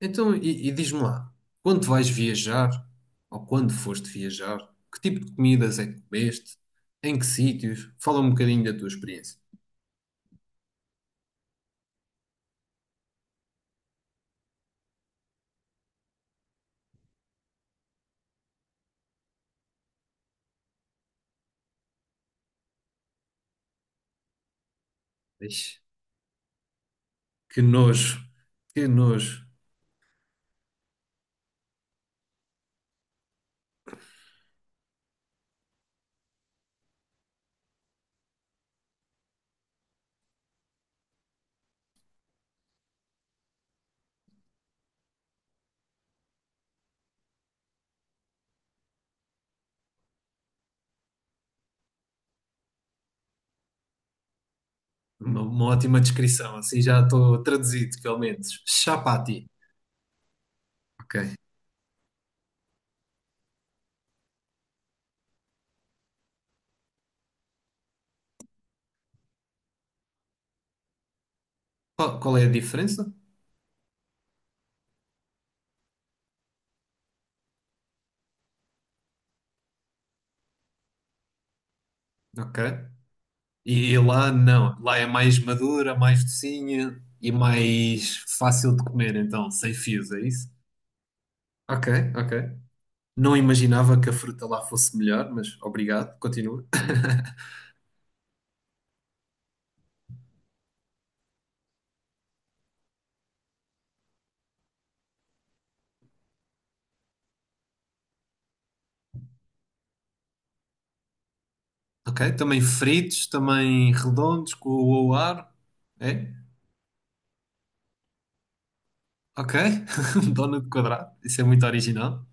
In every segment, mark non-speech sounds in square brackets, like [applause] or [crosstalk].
Então, e diz-me lá, quando vais viajar, ou quando foste viajar, que tipo de comidas é que comeste? Em que sítios? Fala um bocadinho da tua experiência. Ixi, que nojo, que nojo. Uma ótima descrição, assim já estou traduzido, pelo menos. Chapati. Ok. Qual é a diferença? Ok. E lá não, lá é mais madura, mais docinha e mais fácil de comer, então, sem fios, é isso? Ok, ok. Não imaginava que a fruta lá fosse melhor, mas obrigado, continua. [laughs] Ok, também fritos, também redondos, com o ar. É? Ok, [laughs] um donut quadrado, isso é muito original.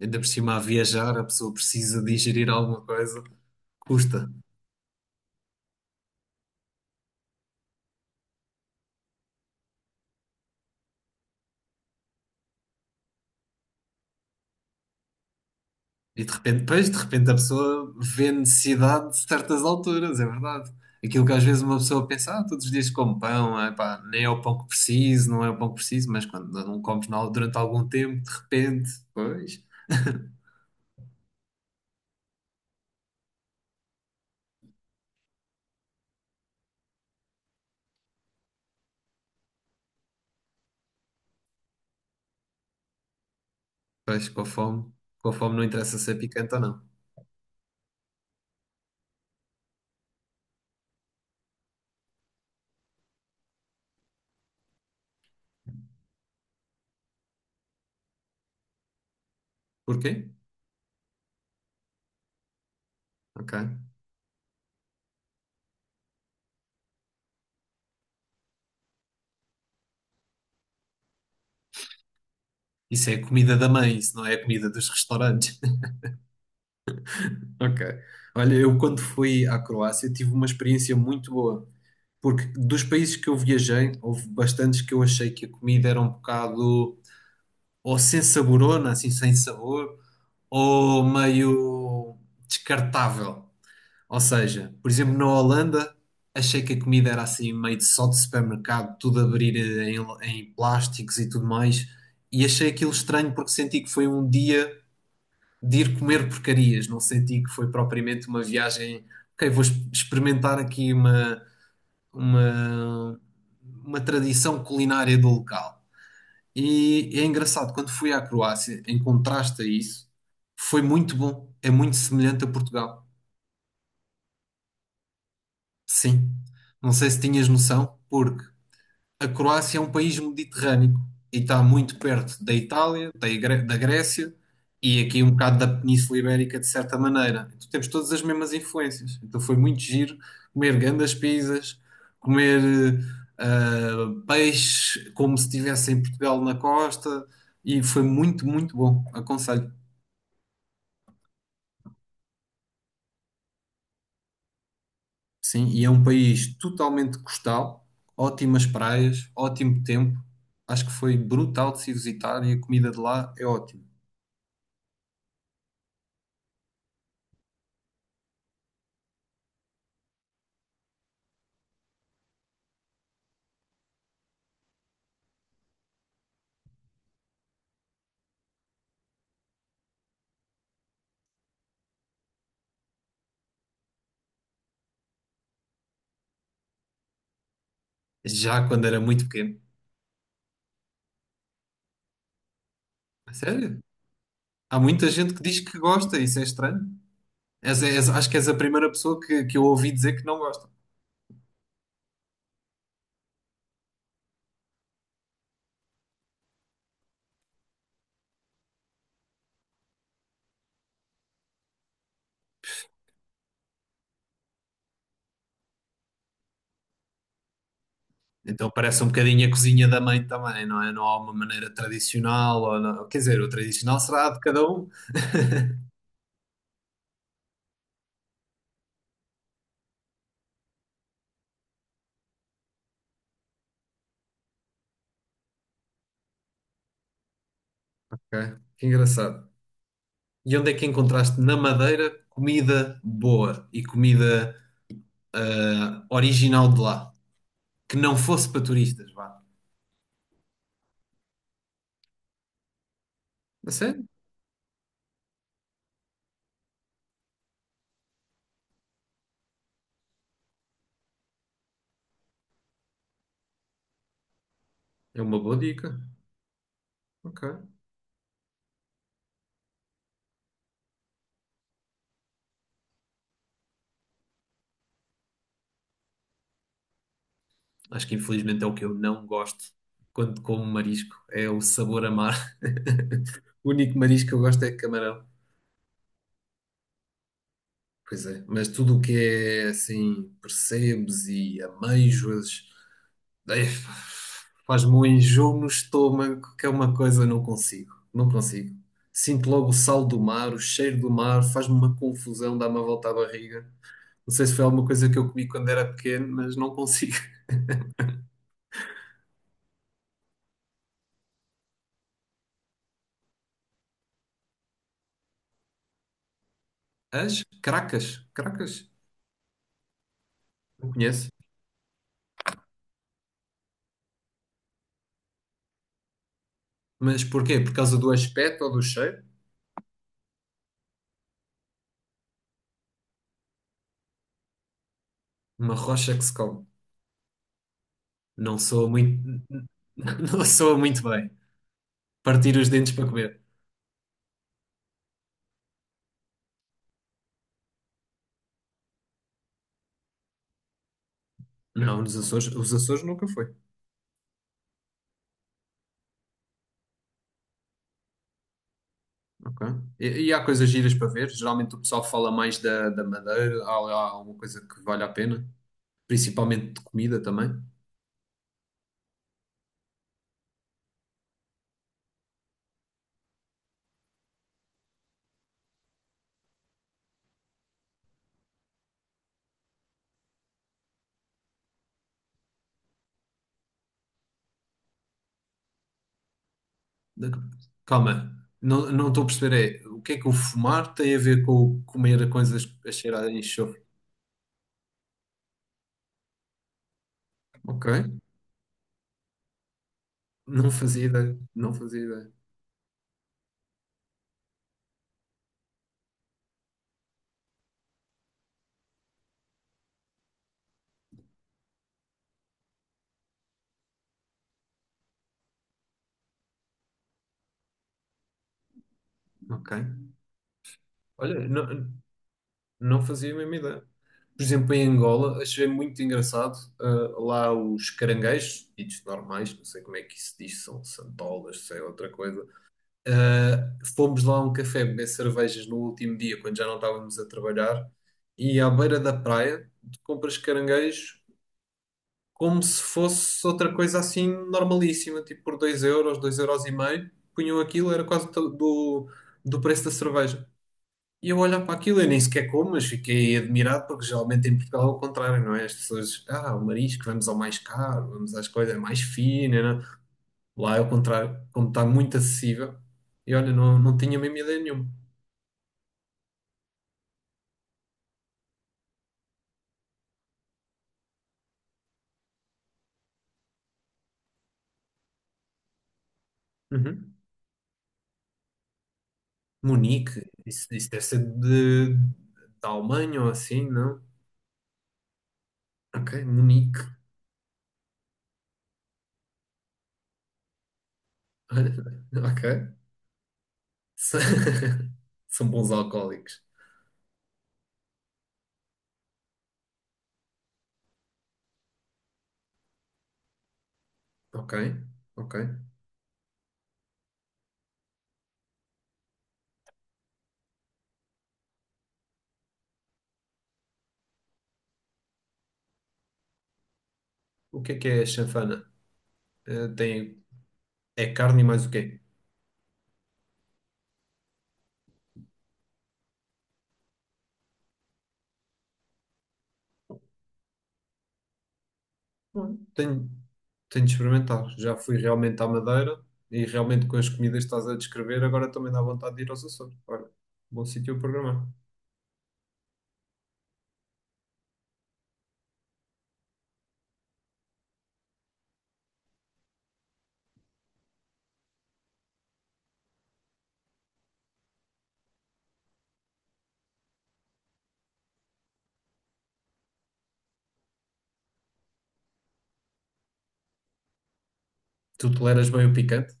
Ainda por cima, a viajar, a pessoa precisa digerir alguma coisa, custa. E de repente, pois, de repente a pessoa vê necessidade de certas alturas, é verdade. Aquilo que às vezes uma pessoa pensa, ah, todos os dias como pão, ah, pá, nem é o pão que preciso, não é o pão que preciso, mas quando não comes na- durante algum tempo, de repente, pois, pois, com a fome não interessa ser picante ou não. Porquê? Ok. Isso é a comida da mãe, isso não é a comida dos restaurantes. [laughs] Ok. Olha, eu quando fui à Croácia tive uma experiência muito boa. Porque dos países que eu viajei, houve bastantes que eu achei que a comida era um bocado ou sem saborona, assim sem sabor, ou meio descartável. Ou seja, por exemplo, na Holanda, achei que a comida era assim meio de só de supermercado, tudo a abrir em plásticos e tudo mais. E achei aquilo estranho porque senti que foi um dia de ir comer porcarias, não senti que foi propriamente uma viagem. Ok, vou experimentar aqui uma, uma tradição culinária do local. E é engraçado, quando fui à Croácia, em contraste a isso, foi muito bom. É muito semelhante a Portugal. Sim. Não sei se tinhas noção, porque a Croácia é um país mediterrâneo e está muito perto da Itália, da Grécia e aqui um bocado da Península Ibérica, de certa maneira. Então temos todas as mesmas influências. Então foi muito giro comer grandes pizzas, comer peixe como se estivesse em Portugal na costa e foi muito, muito bom. Aconselho. Sim, e é um país totalmente costal, ótimas praias, ótimo tempo. Acho que foi brutal de se visitar e a comida de lá é ótima. Já quando era muito pequeno. A sério? Há muita gente que diz que gosta, isso é estranho. Acho que és a primeira pessoa que eu ouvi dizer que não gosta. Então parece um bocadinho a cozinha da mãe também, não é? Não há uma maneira tradicional, ou quer dizer, o tradicional será a de cada um. [laughs] Ok, que engraçado. E onde é que encontraste na Madeira comida boa e comida ah, original de lá? Que não fosse para turistas, vá. A sério? É uma boa dica. Ok. Acho que infelizmente é o que eu não gosto quando como marisco. É o sabor amar. [laughs] O único marisco que eu gosto é camarão. Pois é, mas tudo o que é assim, percebes e ameijoas, eh, faz-me um enjoo no estômago, que é uma coisa que eu não consigo. Não consigo. Sinto logo o sal do mar, o cheiro do mar, faz-me uma confusão, dá-me a volta à barriga. Não sei se foi alguma coisa que eu comi quando era pequeno, mas não consigo. As cracas, cracas, não conheço. Mas porquê? Por causa do aspecto ou do cheiro? Uma rocha que se come. Não soa muito. [laughs] Não soa muito bem. Partir os dentes para comer. Não, nos Açores, os Açores nunca foi. Ok. E há coisas giras para ver. Geralmente o pessoal fala mais da Madeira. Há lá alguma coisa que vale a pena. Principalmente de comida também. Da- Calma, não, não estou a perceber. É, o que é que o fumar tem a ver com o comer coisas a cheirar a enxofre? Ok. Não fazia ideia. Não fazia ideia. Ok. Olha, não. Não fazia a mesma ideia. Por exemplo, em Angola, achei muito engraçado ah, lá os caranguejos, ditos normais, não sei como é que isso diz, são santolas, sei outra coisa. Ah, fomos lá a um café beber cervejas no último dia, quando já não estávamos a trabalhar, e à beira da praia, compras caranguejos como se fosse outra coisa assim normalíssima, tipo por 2 euros e meio, punham aquilo, era quase do preço da cerveja. E eu olhar para aquilo, eu nem sequer como, mas fiquei admirado porque geralmente em Portugal é o contrário, não é? As pessoas, ah, o marisco, vamos ao mais caro, vamos às coisas é mais finas, não é? Lá é o contrário, como está muito acessível. E olha, não, não tinha mesmo ideia nenhuma. Uhum. Munique, isso deve ser de, da Alemanha ou assim, não? Ok, Munique. Olha, ok. S- [laughs] São bons alcoólicos. Ok, ok. O que é a chanfana? Eh, tem, é carne e mais o quê? Hum. Tenho, tenho de experimentar. Já fui realmente à Madeira e realmente com as comidas que estás a descrever, agora também dá vontade de ir aos Açores. Olha, bom sítio a programar. Tu toleras bem o picante?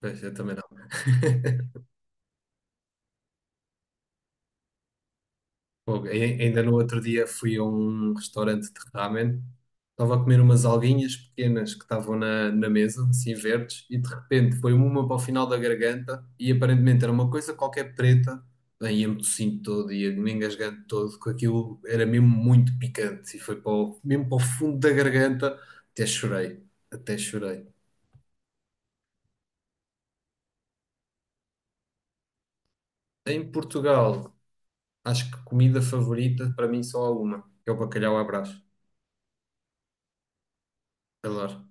Pois, eu também não. [laughs] Fogo. Ainda no outro dia fui a um restaurante de ramen, estava a comer umas alguinhas pequenas que estavam na mesa, assim verdes, e de repente foi uma para o final da garganta e aparentemente era uma coisa qualquer preta. Bem, ia-me tossindo todo, ia me engasgando todo, com aquilo era mesmo muito picante e foi para mesmo para o fundo da garganta, até chorei, até chorei. Em Portugal, acho que comida favorita para mim só há uma, que é o bacalhau à Brás. Adoro.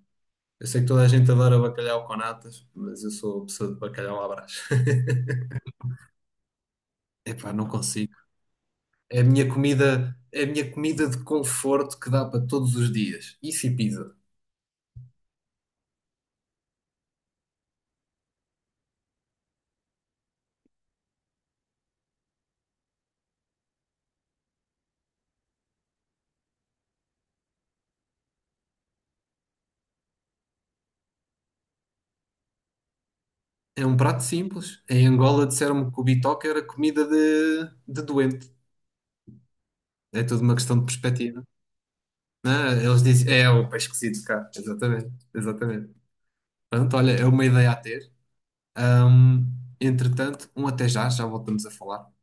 Eu sei que toda a gente adora bacalhau com natas, mas eu sou pessoa de bacalhau à Brás. [laughs] Epá, não consigo. É a minha comida, é a minha comida de conforto que dá para todos os dias. Isso e pizza. É um prato simples. Em Angola disseram-me que o bitoque era comida de doente. É tudo uma questão de perspectiva. Ah, eles dizem, é o peixe cozido cá. Exatamente, exatamente. Pronto, olha, é uma ideia a ter. Hum, entretanto, um até já, já voltamos a falar.